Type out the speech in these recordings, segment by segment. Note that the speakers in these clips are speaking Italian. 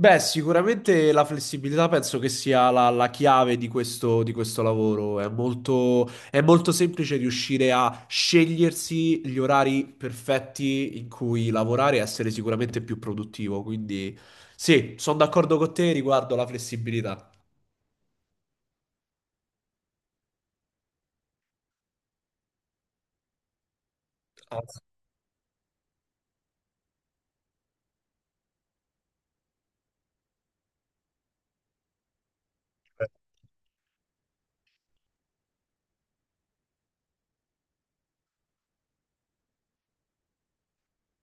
Beh, sicuramente la flessibilità penso che sia la chiave di questo lavoro. È molto semplice riuscire a scegliersi gli orari perfetti in cui lavorare e essere sicuramente più produttivo. Quindi sì, sono d'accordo con te riguardo la flessibilità. Anzi, beh,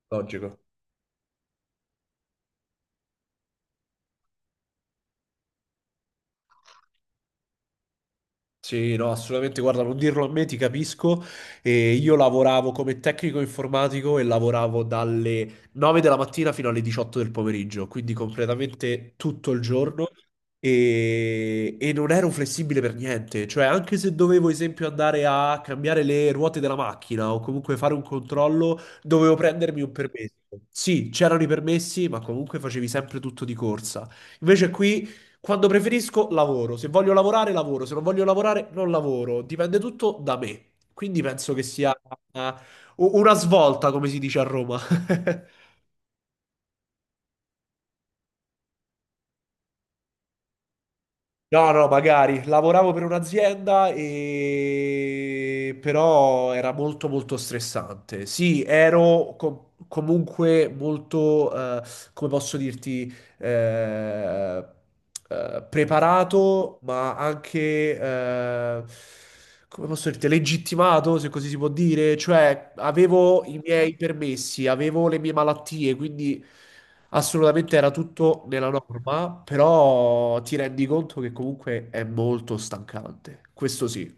logico. Sì, no, assolutamente, guarda, non dirlo a me, ti capisco. E io lavoravo come tecnico informatico e lavoravo dalle 9 della mattina fino alle 18 del pomeriggio, quindi completamente tutto il giorno e non ero flessibile per niente. Cioè, anche se dovevo, esempio, andare a cambiare le ruote della macchina o comunque fare un controllo, dovevo prendermi un permesso. Sì, c'erano i permessi, ma comunque facevi sempre tutto di corsa. Invece qui... Quando preferisco, lavoro. Se voglio lavorare, lavoro. Se non voglio lavorare, non lavoro. Dipende tutto da me. Quindi penso che sia eh, una svolta, come si dice a Roma. No, no, magari. Lavoravo per un'azienda e però era molto molto stressante. Sì, ero comunque molto, come posso dirti, eh, preparato, ma anche, come posso dirti, legittimato, se così si può dire. Cioè, avevo i miei permessi, avevo le mie malattie, quindi... Assolutamente era tutto nella norma, però ti rendi conto che comunque è molto stancante. Questo sì.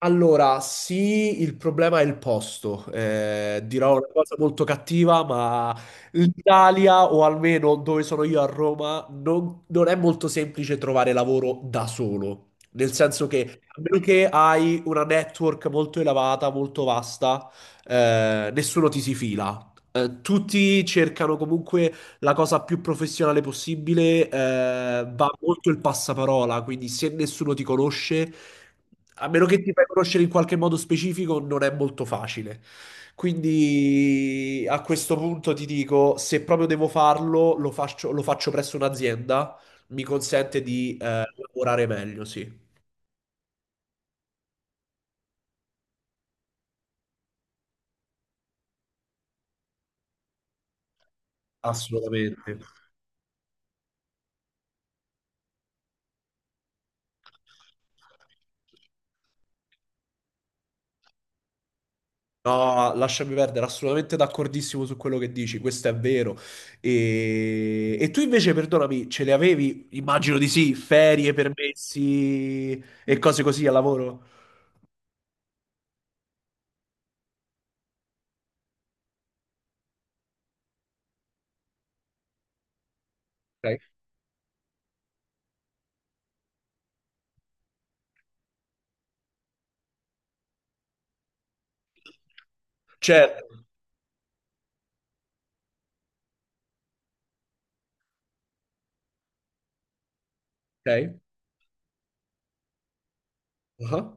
Allora, sì, il problema è il posto. Dirò una cosa molto cattiva, ma l'Italia, o almeno dove sono io a Roma, non è molto semplice trovare lavoro da solo. Nel senso che, a meno che hai una network molto elevata, molto vasta, nessuno ti si fila. Tutti cercano comunque la cosa più professionale possibile, va molto il passaparola, quindi se nessuno ti conosce, a meno che ti fai conoscere in qualche modo specifico, non è molto facile. Quindi a questo punto ti dico, se proprio devo farlo, lo faccio presso un'azienda, mi consente di lavorare meglio, sì, assolutamente. No, lasciami perdere, assolutamente d'accordissimo su quello che dici, questo è vero. E tu invece, perdonami, ce le avevi? Immagino di sì, ferie, permessi e cose così al lavoro? Ok. Certo, ok. Ah,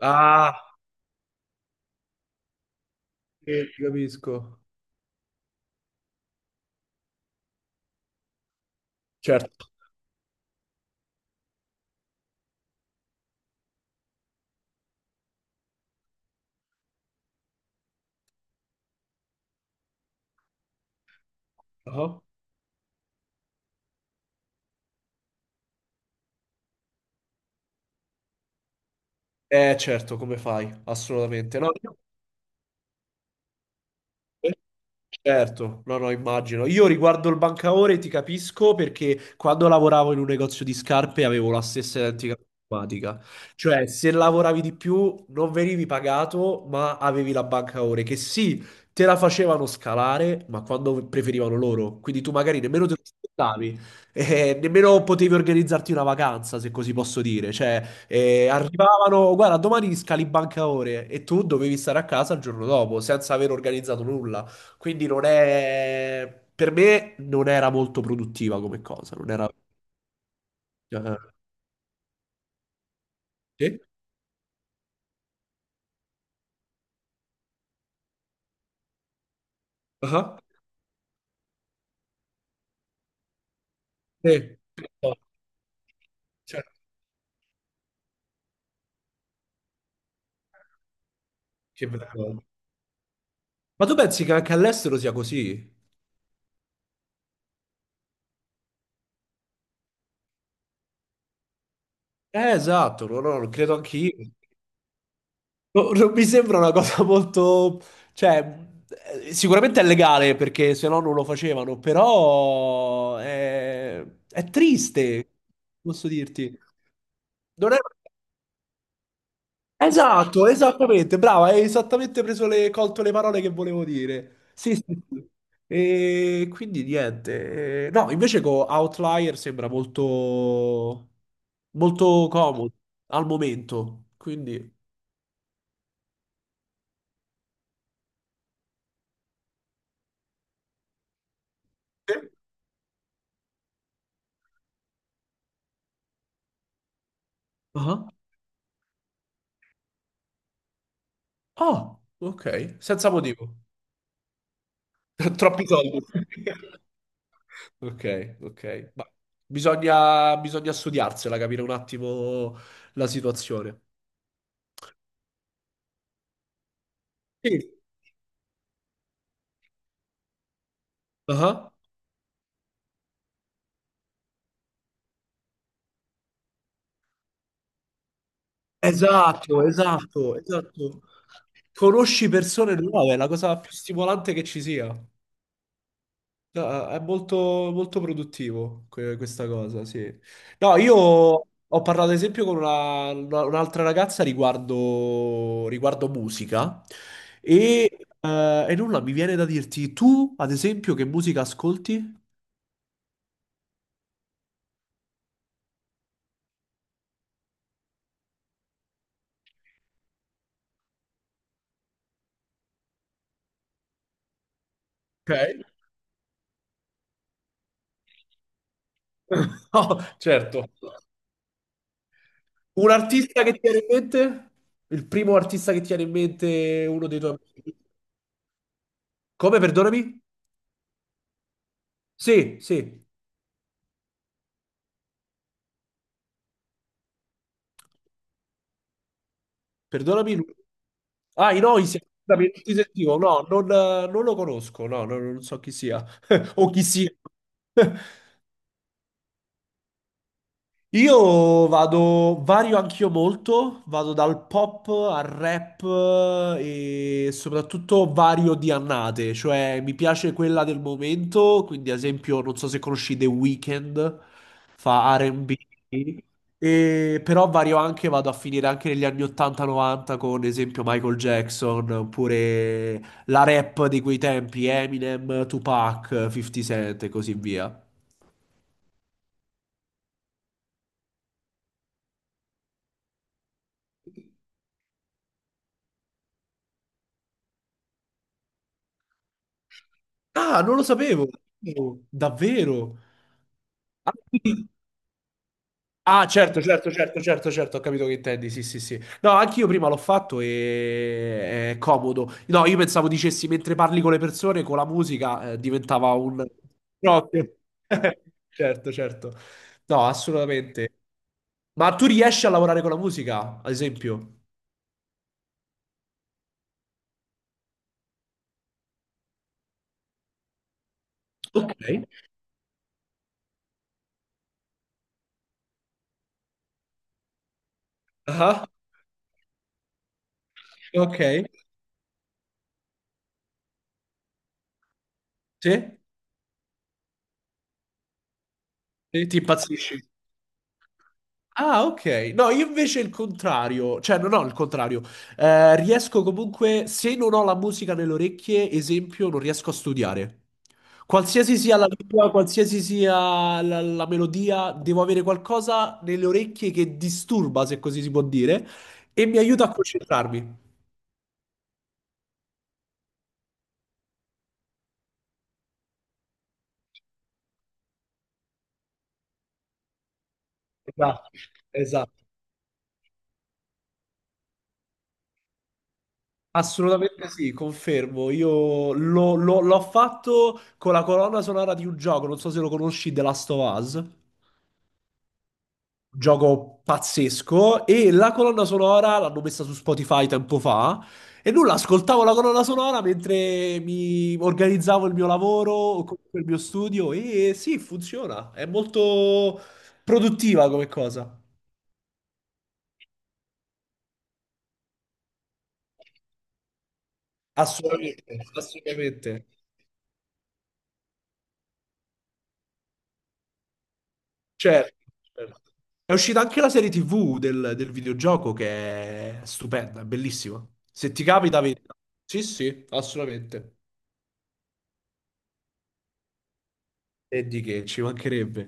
ah, sì, ti capisco. Certo. Ah. Certo, come fai? Assolutamente. No, io- certo, no, no, immagino. Io riguardo il bancaore ti capisco perché quando lavoravo in un negozio di scarpe avevo la stessa identica problematica. Cioè, se lavoravi di più non venivi pagato, ma avevi la bancaore che sì, te la facevano scalare, ma quando preferivano loro. Quindi tu magari nemmeno te lo aspettavi, nemmeno potevi organizzarti una vacanza, se così posso dire. Cioè, arrivavano, guarda, domani scali bancaore e tu dovevi stare a casa il giorno dopo senza aver organizzato nulla. Quindi non è... Per me non era molto produttiva come cosa, non era... eh, sì? Ah, sì. Cioè, che vergogna. Ma tu pensi che anche all'estero sia così? Esatto, no, no, lo credo anch'io. No, non mi sembra una cosa molto... Cioè, sicuramente è legale perché se no non lo facevano, però è triste, posso dirti. Non è... Esatto, esattamente, brava, hai esattamente preso colto le parole che volevo dire. Sì, sì, sì. E quindi niente. No, invece con Outlier sembra molto, molto comodo al momento, quindi... Sì. Ah, ah, ok, senza motivo. Troppi soldi. Ok, ok. Ma bisogna studiarsela, capire un attimo la situazione. Sì. Ah. Esatto, esatto, esatto. Conosci persone nuove, è la cosa più stimolante che ci sia. No, è molto, molto produttivo questa cosa, sì. No, io ho parlato ad esempio con un'altra ragazza riguardo, riguardo musica e, e nulla, mi viene da dirti tu, ad esempio, che musica ascolti? Ok. No, certo. Un artista che ti viene in mente? Il primo artista che ti viene in mente, uno dei tuoi amici. Come, perdonami? Sì, sì, perdonami. Lui. Ah, i Noisia, scusami, non ti sentivo. No, non lo conosco, no, no, non so chi sia. O chi sia. Io vado, vario anch'io molto, vado dal pop al rap e soprattutto vario di annate, cioè mi piace quella del momento, quindi ad esempio non so se conosci The Weeknd, fa R&B, e, B, però vario anche, vado a finire anche negli anni 80-90 con ad esempio Michael Jackson, oppure la rap di quei tempi, Eminem, Tupac, 50 Cent e così via. Ah, non lo sapevo! Oh, davvero? Ah, quindi- ah, certo, certo, certo, certo, certo, ho capito che intendi, sì, sì, sì. No, anch'io prima l'ho fatto e è comodo. No, io pensavo dicessi mentre parli con le persone, con la musica, diventava un... No, certo, certo. No, assolutamente. Ma tu riesci a lavorare con la musica, ad esempio? Ok. Ah, ok. Sì? Sì, ti impazzisci? Ah, ok. No, io invece il contrario, cioè non ho il contrario. Riesco comunque, se non ho la musica nelle orecchie, esempio, non riesco a studiare. Qualsiasi sia la lingua, qualsiasi sia la melodia, devo avere qualcosa nelle orecchie che disturba, se così si può dire, e mi aiuta a concentrarmi. Esatto, esatto. Assolutamente sì, confermo. Io l'ho fatto con la colonna sonora di un gioco, non so se lo conosci, The Last of Us. Gioco pazzesco e la colonna sonora l'hanno messa su Spotify tempo fa e nulla, ascoltavo la colonna sonora mentre mi organizzavo il mio lavoro o comunque il mio studio e sì, funziona, è molto produttiva come cosa. Assolutamente, assolutamente. Certo, certo. È uscita anche la serie TV del, del videogioco che è stupenda, è bellissima. Se ti capita, vedi. Sì, sì, assolutamente. E di che ci mancherebbe.